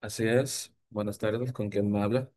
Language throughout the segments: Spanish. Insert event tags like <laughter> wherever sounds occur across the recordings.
Así es. Buenas tardes, ¿con quién me habla?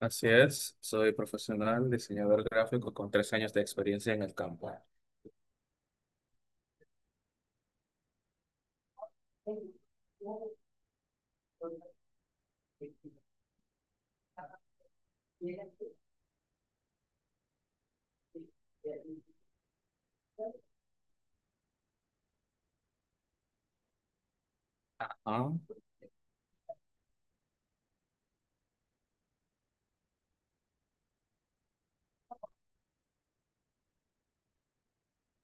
Así es, soy profesional, diseñador gráfico con tres años de experiencia en el campo. Ah,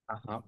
ajá.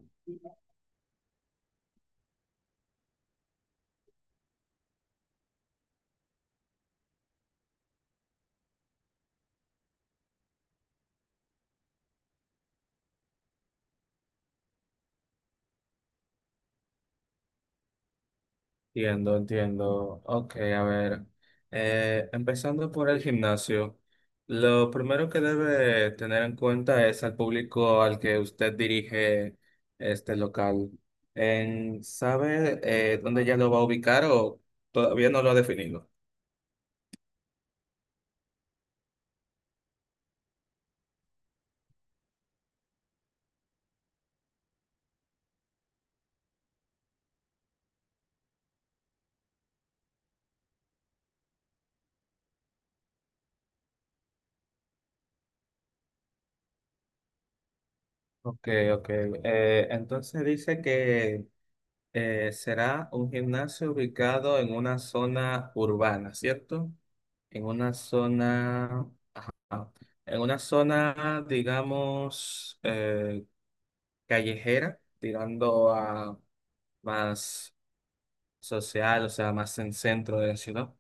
Entiendo, entiendo. Ok, a ver. Empezando por el gimnasio, lo primero que debe tener en cuenta es al público al que usted dirige este local. ¿Sabe dónde ya lo va a ubicar o todavía no lo ha definido? Ok, ok. Entonces dice que será un gimnasio ubicado en una zona urbana, ¿cierto? En una zona, ah, en una zona, digamos, callejera, tirando a más social, o sea, más en centro de la ciudad.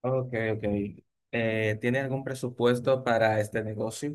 Ok, ok. ¿Tiene algún presupuesto para este negocio?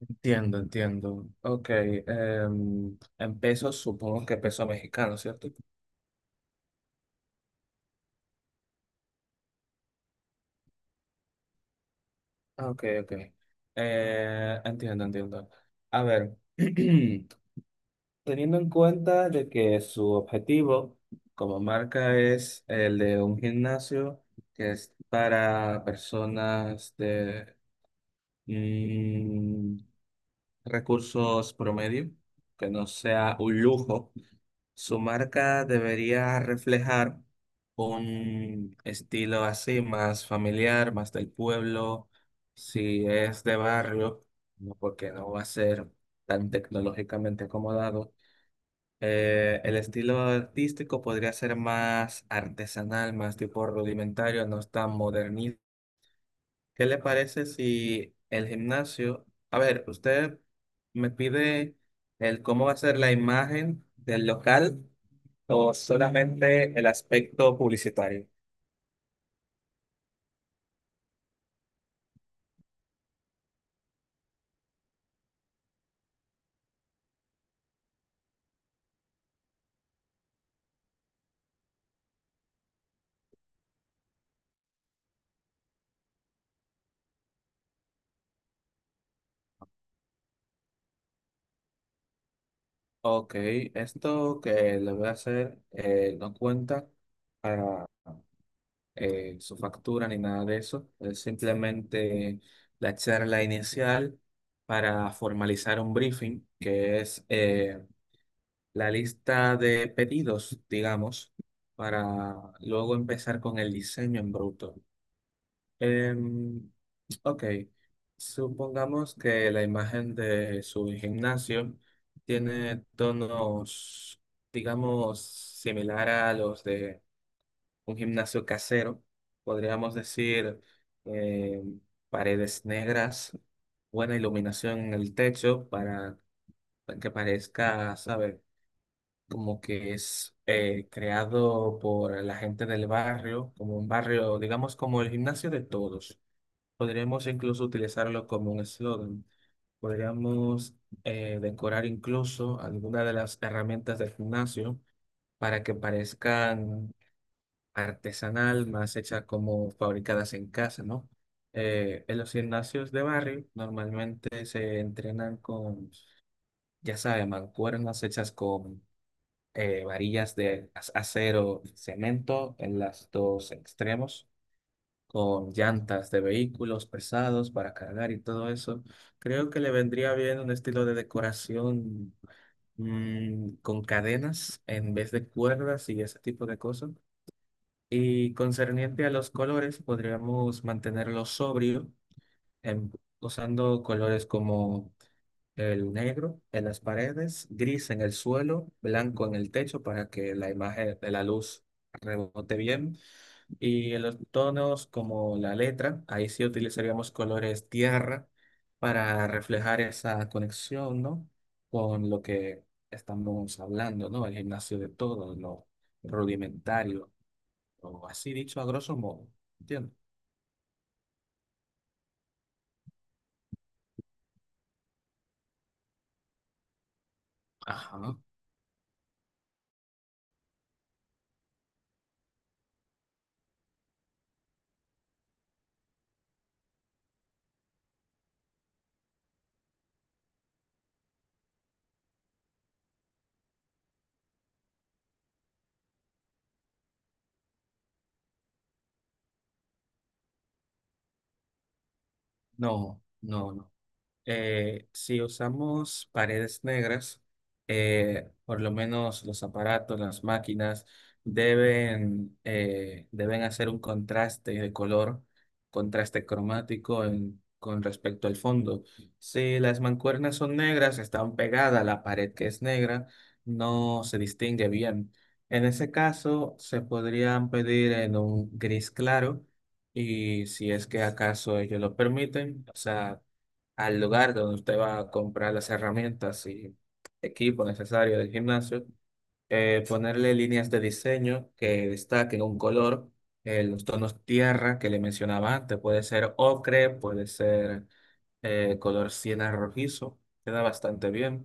Entiendo, entiendo. Ok, en pesos supongo que peso mexicano, ¿cierto? Ah, ok, ok. Entiendo, entiendo. A ver, <clears throat> teniendo en cuenta de que su objetivo como marca es el de un gimnasio que es para personas de mm, recursos promedio, que no sea un lujo. Su marca debería reflejar un estilo así, más familiar, más del pueblo. Si es de barrio, no, porque no va a ser tan tecnológicamente acomodado. El estilo artístico podría ser más artesanal, más tipo rudimentario, no es tan modernista. ¿Qué le parece si el gimnasio, a ver, usted me pide el cómo va a ser la imagen del local o solamente el aspecto publicitario? Ok, esto que le voy a hacer no cuenta para su factura ni nada de eso, es simplemente la charla inicial para formalizar un briefing, que es... la lista de pedidos, digamos, para luego empezar con el diseño en bruto. Em, ok, supongamos que la imagen de su gimnasio tiene tonos, digamos, similar a los de un gimnasio casero. Podríamos decir em, paredes negras, buena iluminación en el techo para que parezca, ¿sabes? Como que es creado por la gente del barrio, como un barrio, digamos, como el gimnasio de todos. Podríamos incluso utilizarlo como un eslogan. Podríamos decorar incluso alguna de las herramientas del gimnasio para que parezcan artesanal, más hechas como fabricadas en casa, ¿no? En los gimnasios de barrio normalmente se entrenan con, ya saben, mancuernas hechas con varillas de acero, cemento en los dos extremos, con llantas de vehículos pesados para cargar y todo eso. Creo que le vendría bien un estilo de decoración con cadenas en vez de cuerdas y ese tipo de cosas. Y concerniente a los colores, podríamos mantenerlo sobrio, em, usando colores como el negro en las paredes, gris en el suelo, blanco en el techo para que la imagen de la luz rebote bien. Y en los tonos como la letra, ahí sí utilizaríamos colores tierra para reflejar esa conexión, ¿no? Con lo que estamos hablando, ¿no? El gimnasio de todo, lo rudimentario, o así dicho a grosso modo. ¿Entiendes? Ajá. No, no, no. Si usamos paredes negras, por lo menos los aparatos, las máquinas, deben, deben hacer un contraste de color, contraste cromático con respecto al fondo. Si las mancuernas son negras, están pegadas a la pared que es negra, no se distingue bien. En ese caso, se podrían pedir en un gris claro. Y si es que acaso ellos lo permiten, o sea, al lugar donde usted va a comprar las herramientas y equipo necesario del gimnasio, ponerle líneas de diseño que destaquen un color, los tonos tierra que le mencionaba antes, puede ser ocre, puede ser color siena rojizo, queda bastante bien.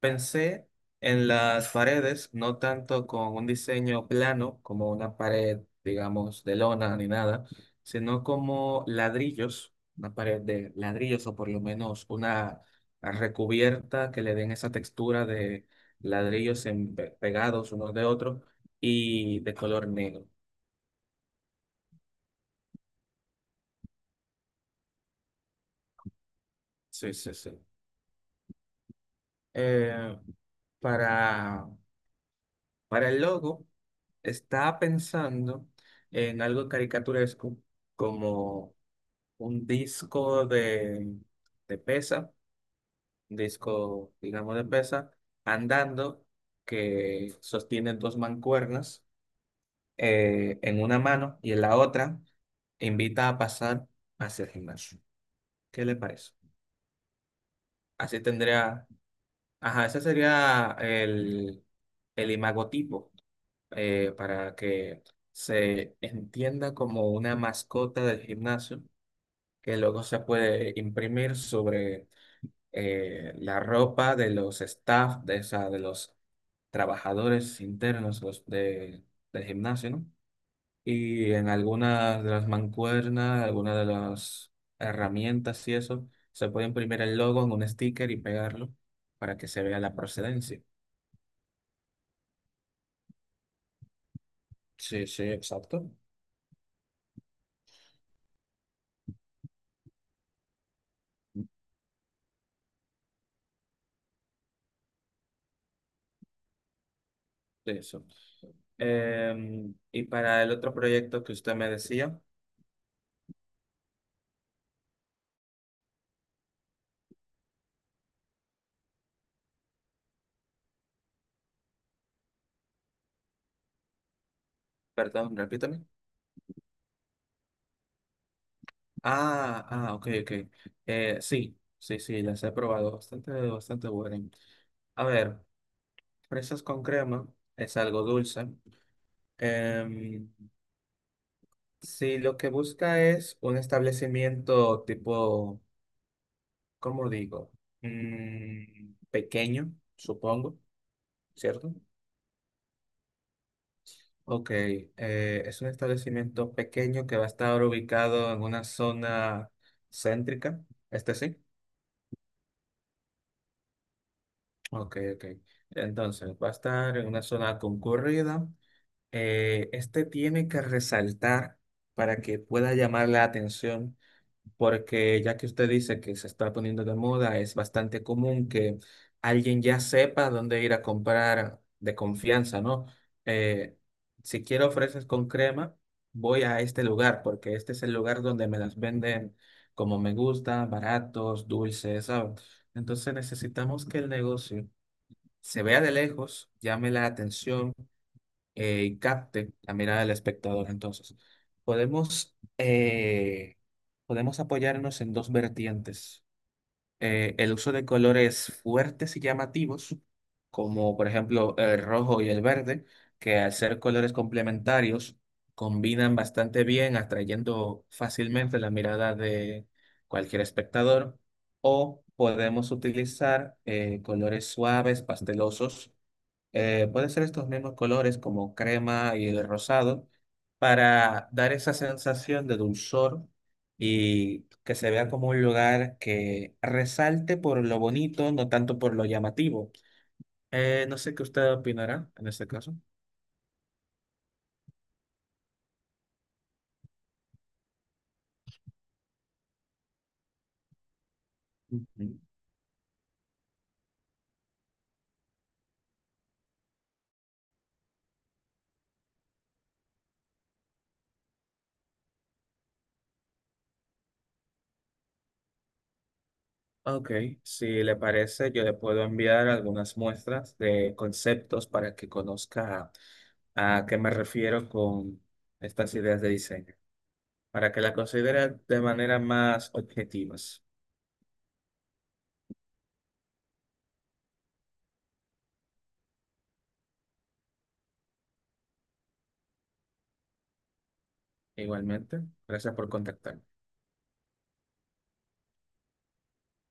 Pensé en las paredes, no tanto con un diseño plano como una pared, digamos, de lona ni nada, sino como ladrillos, una pared de ladrillos o por lo menos una recubierta que le den esa textura de ladrillos pegados unos de otros y de color negro. Sí, sí, sí. Eh, para, para el logo, estaba pensando en algo caricaturesco como un disco de pesa, un disco, digamos, de pesa, andando, que sostiene dos mancuernas en una mano y en la otra invita a pasar hacia el gimnasio. ¿Qué le parece? Así tendría, ajá, ese sería el imagotipo para que se entienda como una mascota del gimnasio que luego se puede imprimir sobre la ropa de los staff, de, o sea, de los trabajadores internos del gimnasio, ¿no? Y en algunas de las mancuernas, algunas de las herramientas y eso, se puede imprimir el logo en un sticker y pegarlo para que se vea la procedencia. Sí, sí, exacto. De eso. Y para el otro proyecto que usted me decía, perdón, repítame. Ah, ah, ok, ok. Sí, sí, sí, las he probado. Bastante, bastante buenas. A ver, fresas con crema es algo dulce. Em, si lo que busca es un establecimiento tipo, ¿cómo digo? Pequeño, supongo, ¿cierto? Ok, es un establecimiento pequeño que va a estar ubicado en una zona céntrica, este sí. Ok, ok. Entonces, va a estar en una zona concurrida. Este tiene que resaltar para que pueda llamar la atención, porque ya que usted dice que se está poniendo de moda, es bastante común que alguien ya sepa dónde ir a comprar de confianza, ¿no? Eh, si quiero ofreces con crema, voy a este lugar, porque este es el lugar donde me las venden como me gusta, baratos, dulces, ¿sabes? Entonces necesitamos que el negocio se vea de lejos, llame la atención y capte la mirada del espectador. Entonces, podemos, eh, podemos apoyarnos en dos vertientes. El uso de colores fuertes y llamativos, como por ejemplo el rojo y el verde, que al ser colores complementarios, combinan bastante bien, atrayendo fácilmente la mirada de cualquier espectador. O podemos utilizar colores suaves, pastelosos, puede ser estos mismos colores como crema y el rosado para dar esa sensación de dulzor y que se vea como un lugar que resalte por lo bonito, no tanto por lo llamativo. No sé qué usted opinará en este caso. Ujú. Ok, si le parece, yo le puedo enviar algunas muestras de conceptos para que conozca a qué me refiero con estas ideas de diseño, para que la considere de manera más objetiva. Igualmente, gracias por contactarme.